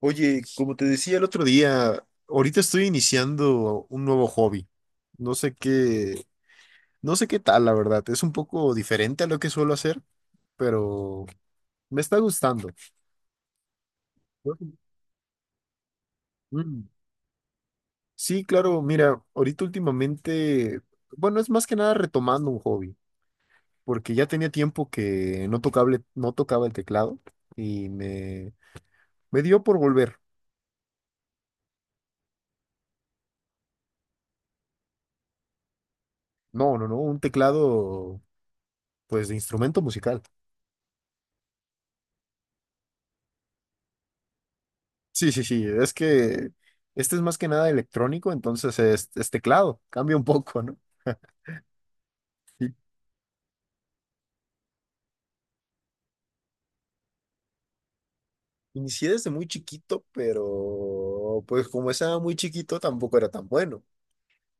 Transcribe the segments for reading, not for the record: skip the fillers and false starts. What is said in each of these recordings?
Oye, como te decía el otro día, ahorita estoy iniciando un nuevo hobby. No sé qué, no sé qué tal, la verdad. Es un poco diferente a lo que suelo hacer, pero me está gustando. Mm. Sí, claro, mira, ahorita últimamente, bueno, es más que nada retomando un hobby, porque ya tenía tiempo que no tocaba el teclado y me, me dio por volver. No, no, no, un teclado pues de instrumento musical. Sí, sí, sí, es que este es más que nada electrónico, entonces es teclado, cambia un poco, ¿no? Sí. Inicié desde muy chiquito, pero pues como estaba muy chiquito tampoco era tan bueno.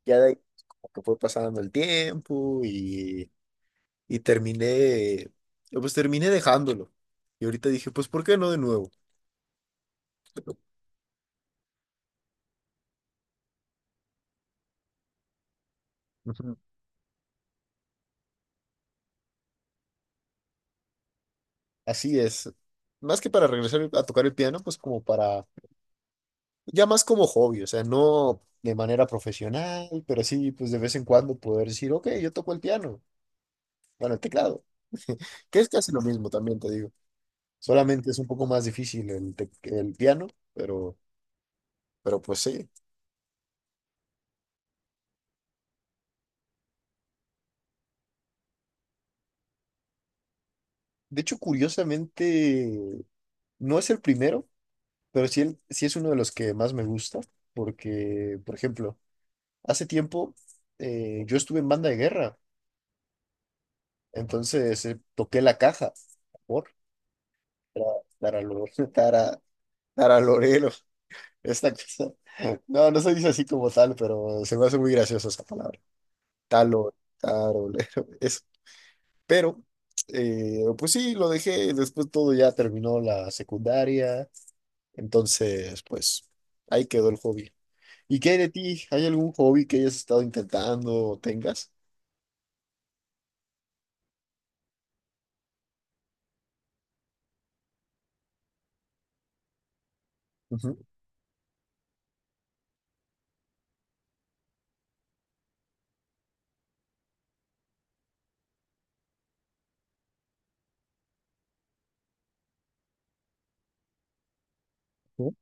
Ya de ahí como que fue pasando el tiempo y terminé, pues terminé dejándolo. Y ahorita dije, pues ¿por qué no de nuevo? Ujú. Así es. Más que para regresar a tocar el piano, pues como para ya más como hobby, o sea, no de manera profesional, pero sí, pues de vez en cuando poder decir, ok, yo toco el piano, bueno, el teclado, que es casi lo mismo también, te digo. Solamente es un poco más difícil el piano, pero, pero pues sí. De hecho, curiosamente, no es el primero, pero sí, sí es uno de los que más me gusta, porque, por ejemplo, hace tiempo yo estuve en banda de guerra, entonces toqué la caja, por, para, para los, Nara Lorelo, esta cosa. No, no se dice así como tal, pero se me hace muy graciosa esa palabra. Talo, tarolero, eso. Pero, pues sí, lo dejé. Después todo ya terminó la secundaria. Entonces, pues ahí quedó el hobby. ¿Y qué hay de ti? ¿Hay algún hobby que hayas estado intentando o tengas? Ujú, ujú.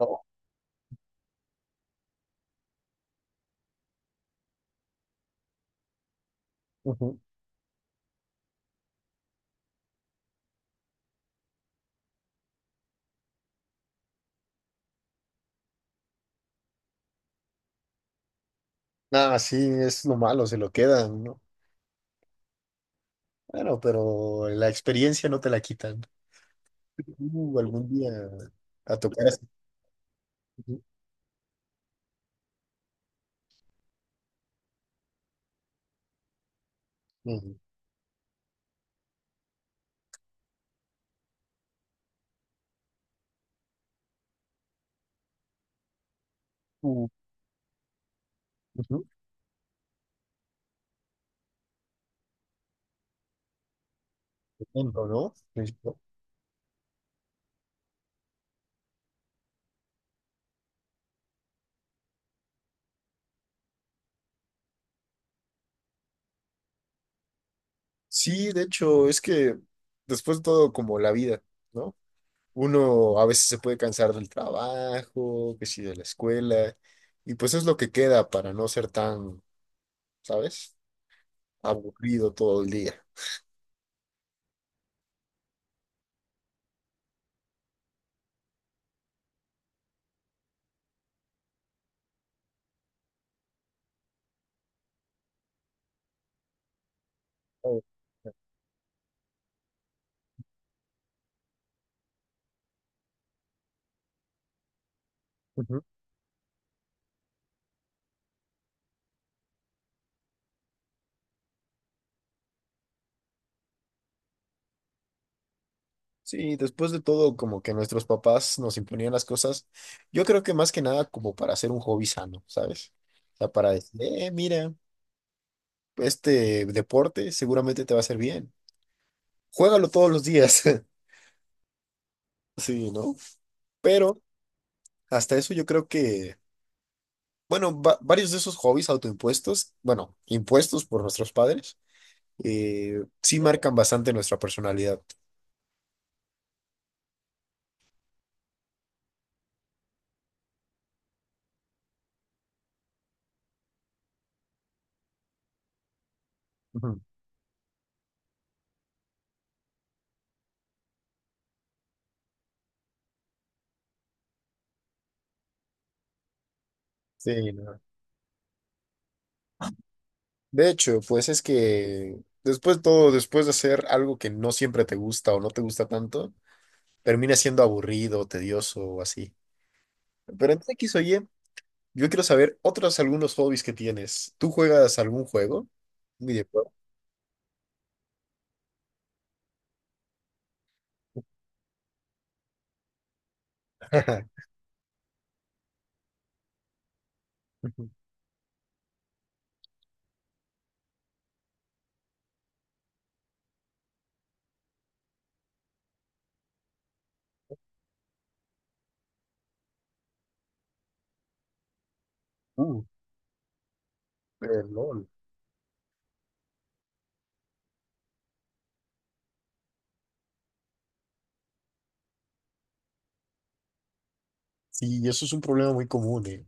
No, ujú. Ah, sí, es lo malo, se lo quedan, ¿no? Bueno, pero la experiencia no te la quitan. Algún día a tocar. Así. Ujú. Uh, ujú. Tremendo, ¿no? Tremendo. Sí, de hecho, es que después de todo, como la vida, ¿no? Uno a veces se puede cansar del trabajo, que sí, de la escuela, y pues es lo que queda para no ser tan, ¿sabes? Aburrido todo el día. Oh, ujú. Sí, después de todo, como que nuestros papás nos imponían las cosas, yo creo que más que nada como para hacer un hobby sano, ¿sabes? O sea, para decir, mira, este deporte seguramente te va a hacer bien. Juégalo todos los días. Sí, ¿no? Pero hasta eso yo creo que, bueno, varios de esos hobbies autoimpuestos, bueno, impuestos por nuestros padres, sí marcan bastante nuestra personalidad. Ujú. Sí, ¿no? De hecho, pues es que después todo, después de hacer algo que no siempre te gusta o no te gusta tanto, termina siendo aburrido, tedioso o así. Pero en X o Y, yo quiero saber otros algunos hobbies que tienes. ¿Tú juegas algún juego? Un videojuego. Uh, el LOL. Sí, eso es un problema muy común, eh.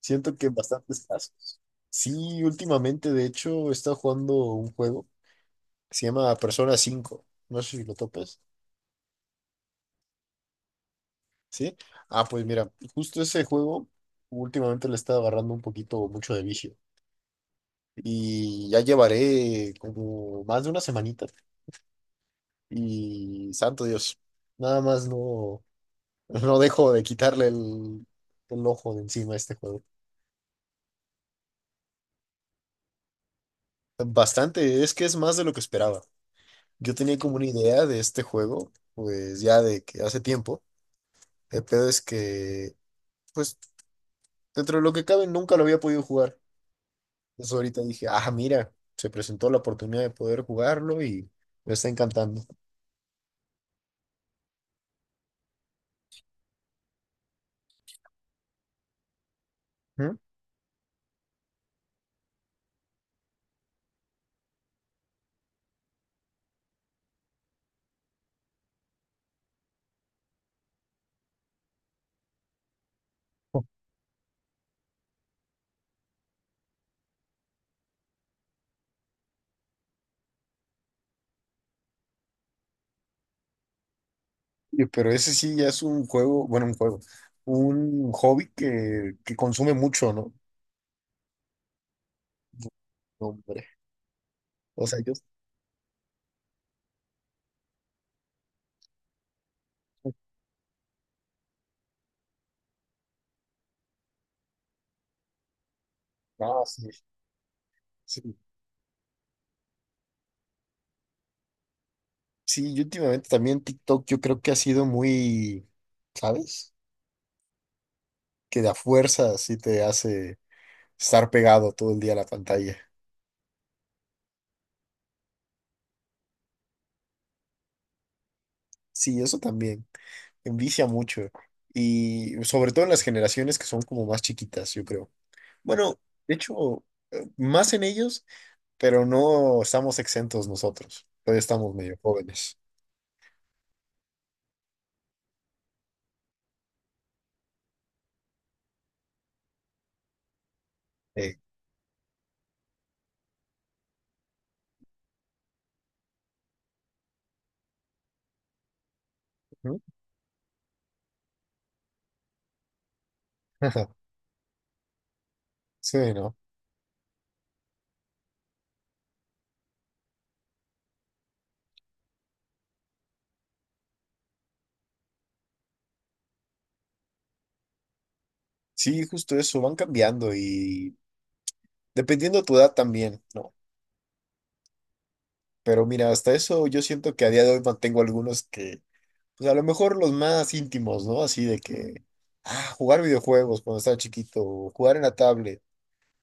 Siento que en bastantes casos. Sí, últimamente, de hecho, he estado jugando un juego que se llama Persona 5. No sé si lo topes, ¿sí? Ah, pues mira, justo ese juego últimamente le está agarrando un poquito mucho de vicio. Y ya llevaré como más de una semanita. Y santo Dios, nada más no, no dejo de quitarle el ojo de encima a este juego. Bastante, es que es más de lo que esperaba. Yo tenía como una idea de este juego, pues ya de que hace tiempo. El pedo es que, pues, dentro de lo que cabe, nunca lo había podido jugar. Entonces ahorita dije, ah, mira, se presentó la oportunidad de poder jugarlo y me está encantando. ¿Mm? Pero ese sí ya es un juego, bueno, un juego, un hobby que consume mucho, ¿no? No, hombre. O sea, yo, ah, sí, sí. Sí, yo últimamente también TikTok, yo creo que ha sido muy, ¿sabes? Que de a fuerza sí te hace estar pegado todo el día a la pantalla. Sí, eso también envicia mucho. Y sobre todo en las generaciones que son como más chiquitas, yo creo. Bueno, de hecho, más en ellos, pero no estamos exentos nosotros. Todavía estamos medio jóvenes. Eh, ujú. Sí, ¿no? Sí, justo eso, van cambiando y dependiendo de tu edad también, ¿no? Pero mira, hasta eso yo siento que a día de hoy mantengo algunos que pues a lo mejor los más íntimos, ¿no? Así de que, ah, jugar videojuegos cuando estaba chiquito, o jugar en la tablet,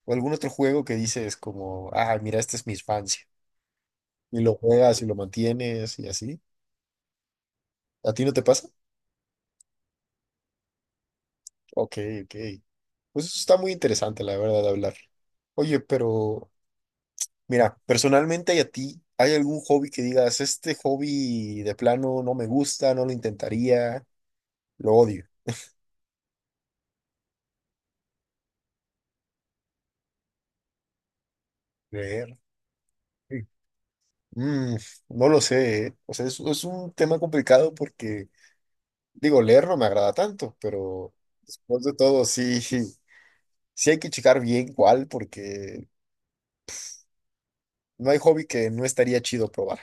o algún otro juego que dices como, ah, mira, esta es mi infancia, y lo juegas y lo mantienes y así. ¿A ti no te pasa? Ok, ok. Pues eso está muy interesante, la verdad, de hablar. Oye, pero mira, personalmente y a ti, ¿hay algún hobby que digas, este hobby de plano no me gusta, no lo intentaría, lo odio? Leer. Mm, no lo sé, ¿eh? O sea, es un tema complicado porque, digo, leer no me agrada tanto, pero después de todo, sí, sí hay que checar bien cuál, porque no hay hobby que no estaría chido probar.